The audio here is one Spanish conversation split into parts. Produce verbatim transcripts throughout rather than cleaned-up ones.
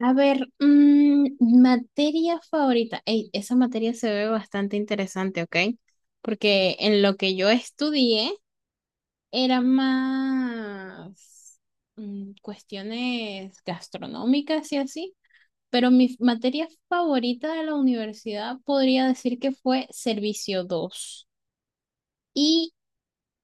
A ver, mm, materia favorita. Ey, esa materia se ve bastante interesante, ¿ok? Porque en lo que yo estudié era más mm, cuestiones gastronómicas y así, pero mi materia favorita de la universidad podría decir que fue Servicio dos.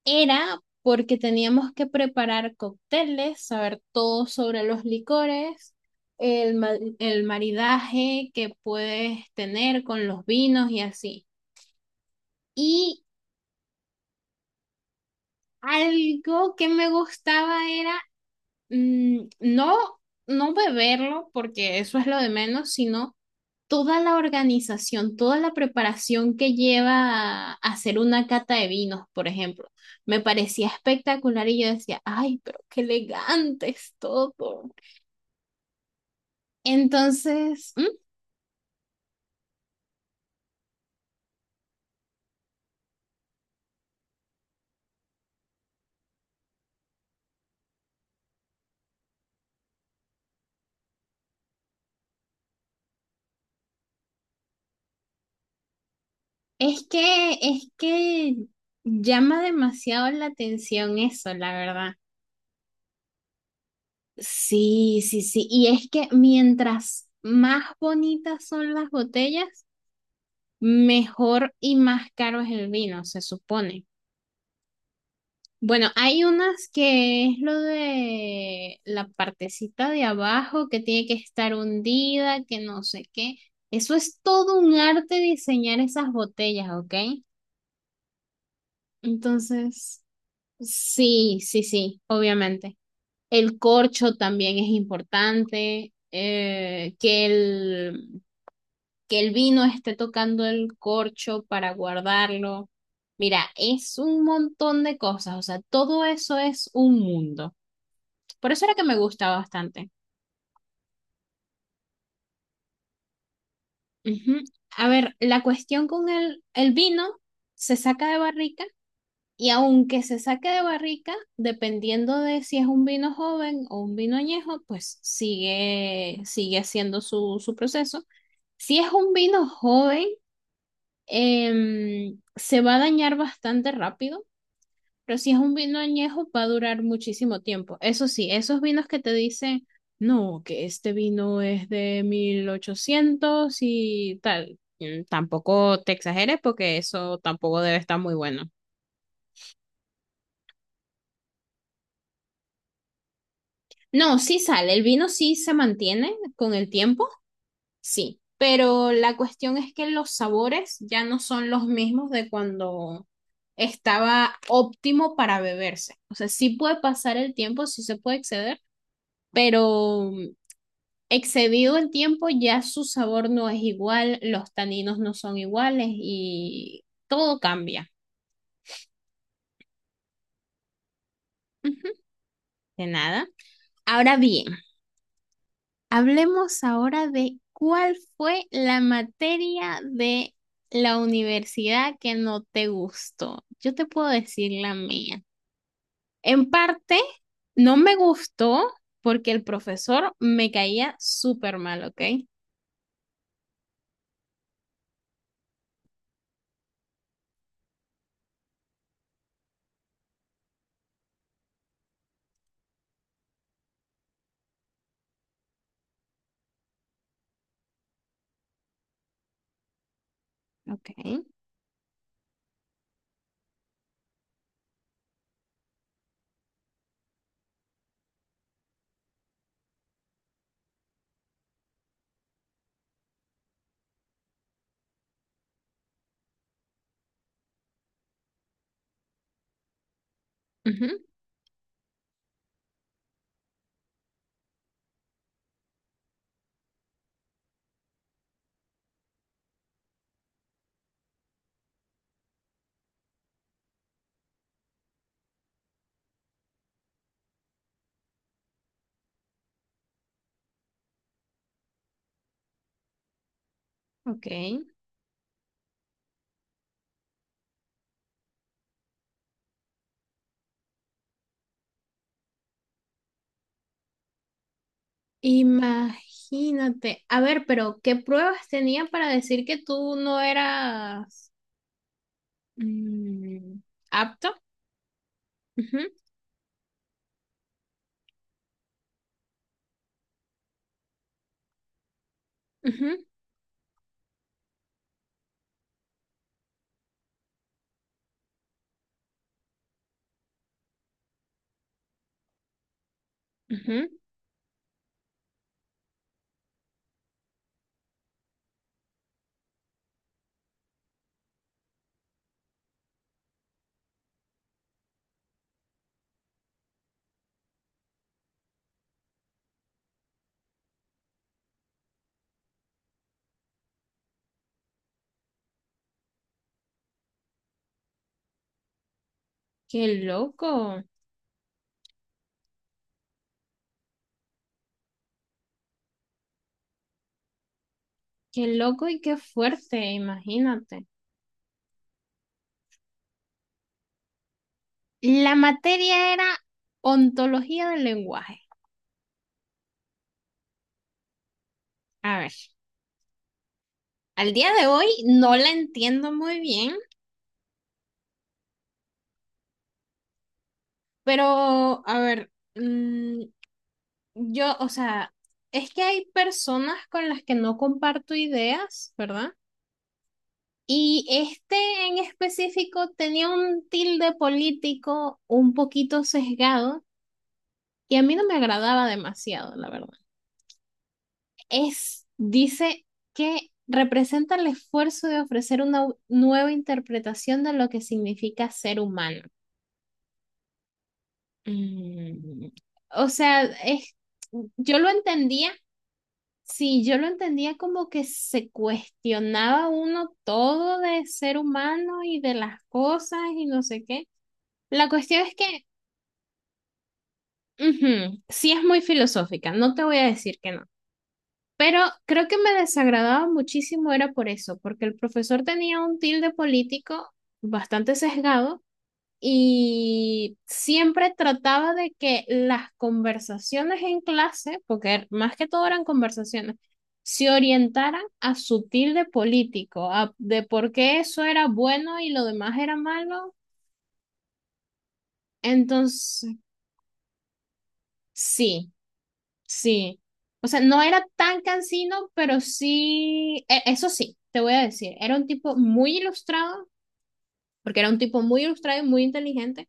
Era porque teníamos que preparar cócteles, saber todo sobre los licores, el, ma- el maridaje que puedes tener con los vinos y así. Y algo que me gustaba era mm, no, no beberlo, porque eso es lo de menos, sino toda la organización, toda la preparación que lleva a hacer una cata de vinos, por ejemplo. Me parecía espectacular y yo decía, ay, pero qué elegante es todo. Entonces, ¿m? es que, es que llama demasiado la atención eso, la verdad. Sí, sí, sí. Y es que mientras más bonitas son las botellas, mejor y más caro es el vino, se supone. Bueno, hay unas que es lo de la partecita de abajo que tiene que estar hundida, que no sé qué. Eso es todo un arte diseñar esas botellas, ¿ok? Entonces, sí, sí, sí, obviamente. El corcho también es importante, eh, que el, que el vino esté tocando el corcho para guardarlo. Mira, es un montón de cosas, o sea, todo eso es un mundo. Por eso era que me gusta bastante. Ujú. A ver, la cuestión con el, el vino se saca de barrica y aunque se saque de barrica, dependiendo de si es un vino joven o un vino añejo, pues sigue, sigue haciendo su, su proceso. Si es un vino joven, em, se va a dañar bastante rápido. Pero si es un vino añejo, va a durar muchísimo tiempo. Eso sí, esos vinos que te dicen, no, que este vino es de mil ochocientos y tal, mm, tampoco te exageres porque eso tampoco debe estar muy bueno. No, sí sale, el vino sí se mantiene con el tiempo, sí, pero la cuestión es que los sabores ya no son los mismos de cuando estaba óptimo para beberse. O sea, sí puede pasar el tiempo, sí se puede exceder, pero excedido el tiempo, ya su sabor no es igual, los taninos no son iguales y todo cambia. Ujú. De nada. Ahora bien, hablemos ahora de cuál fue la materia de la universidad que no te gustó. Yo te puedo decir la mía. En parte, no me gustó porque el profesor me caía súper mal, ¿ok? Ok. Ujú. Ok. Imagínate. A ver, pero ¿qué pruebas tenía para decir que tú no eras mm, apto? Ujú, ujú, ujú. Qué loco, qué loco y qué fuerte, imagínate. La materia era ontología del lenguaje. A ver, al día de hoy no la entiendo muy bien, pero a ver, mm, yo, o sea, es que hay personas con las que no comparto ideas, ¿verdad? Y este en específico tenía un tilde político un poquito sesgado y a mí no me agradaba demasiado, la verdad. Es, dice que representa el esfuerzo de ofrecer una nueva interpretación de lo que significa ser humano. Mm, O sea, es, yo lo entendía, sí, yo lo entendía como que se cuestionaba uno todo de ser humano y de las cosas y no sé qué. La cuestión es que. Ujú. Sí, es muy filosófica, no te voy a decir que no, pero creo que me desagradaba muchísimo era por eso, porque el profesor tenía un tilde político bastante sesgado y siempre trataba de que las conversaciones en clase, porque er- más que todo eran conversaciones, se orientaran a su tilde político, a- de por qué eso era bueno y lo demás era malo. Entonces, sí. Sí, o sea, no era tan cansino, pero sí, e- eso sí, te voy a decir, era un tipo muy ilustrado, porque era un tipo muy ilustrado y muy inteligente,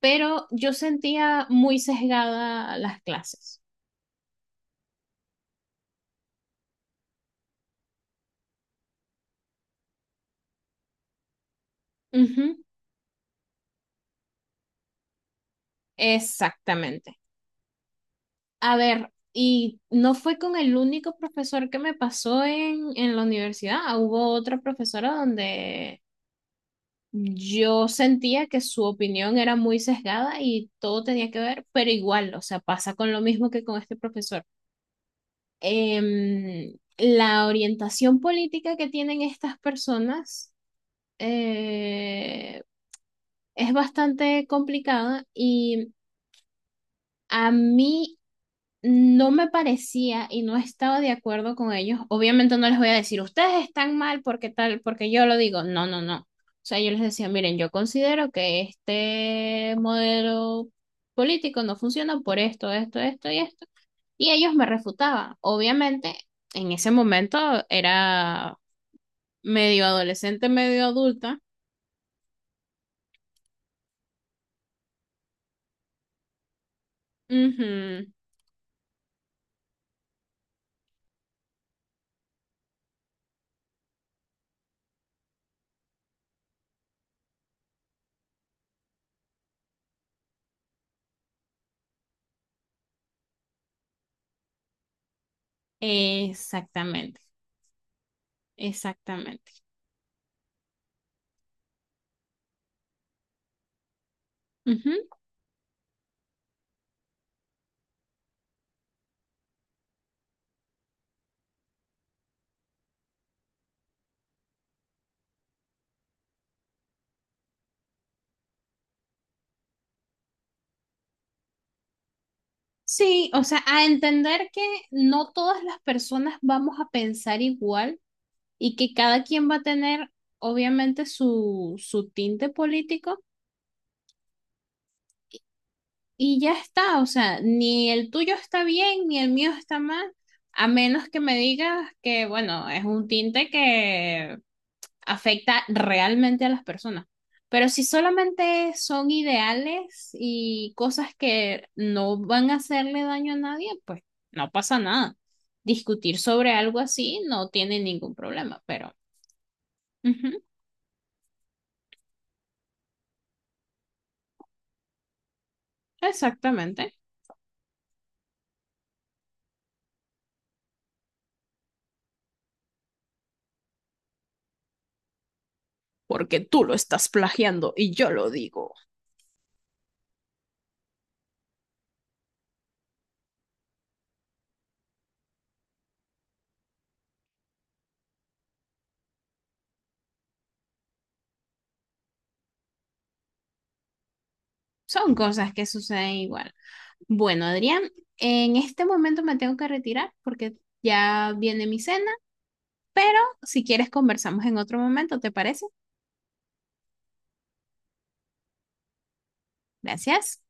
pero yo sentía muy sesgada las clases. Ujú. Exactamente. A ver, y no fue con el único profesor que me pasó en, en la universidad, hubo otra profesora donde yo sentía que su opinión era muy sesgada y todo tenía que ver, pero igual, o sea, pasa con lo mismo que con este profesor. Em, la orientación política que tienen estas personas eh, es bastante complicada y a mí no me parecía y no estaba de acuerdo con ellos. Obviamente no les voy a decir, ustedes están mal porque tal, porque yo lo digo. No, no, no. O sea, yo les decía, miren, yo considero que este modelo político no funciona por esto, esto, esto y esto. Y ellos me refutaban. Obviamente, en ese momento era medio adolescente, medio adulta. Ujú. Exactamente, exactamente. Ujú. Sí, o sea, a entender que no todas las personas vamos a pensar igual y que cada quien va a tener obviamente su, su tinte político y ya está, o sea, ni el tuyo está bien ni el mío está mal, a menos que me digas que, bueno, es un tinte que afecta realmente a las personas. Pero si solamente son ideales y cosas que no van a hacerle daño a nadie, pues no pasa nada. Discutir sobre algo así no tiene ningún problema, pero ujú, exactamente, porque tú lo digo. Son cosas que suceden igual. Bueno, Adrián, en este momento me tengo que retirar porque ya viene mi cena, pero si quieres conversamos en otro momento, ¿te parece? Gracias.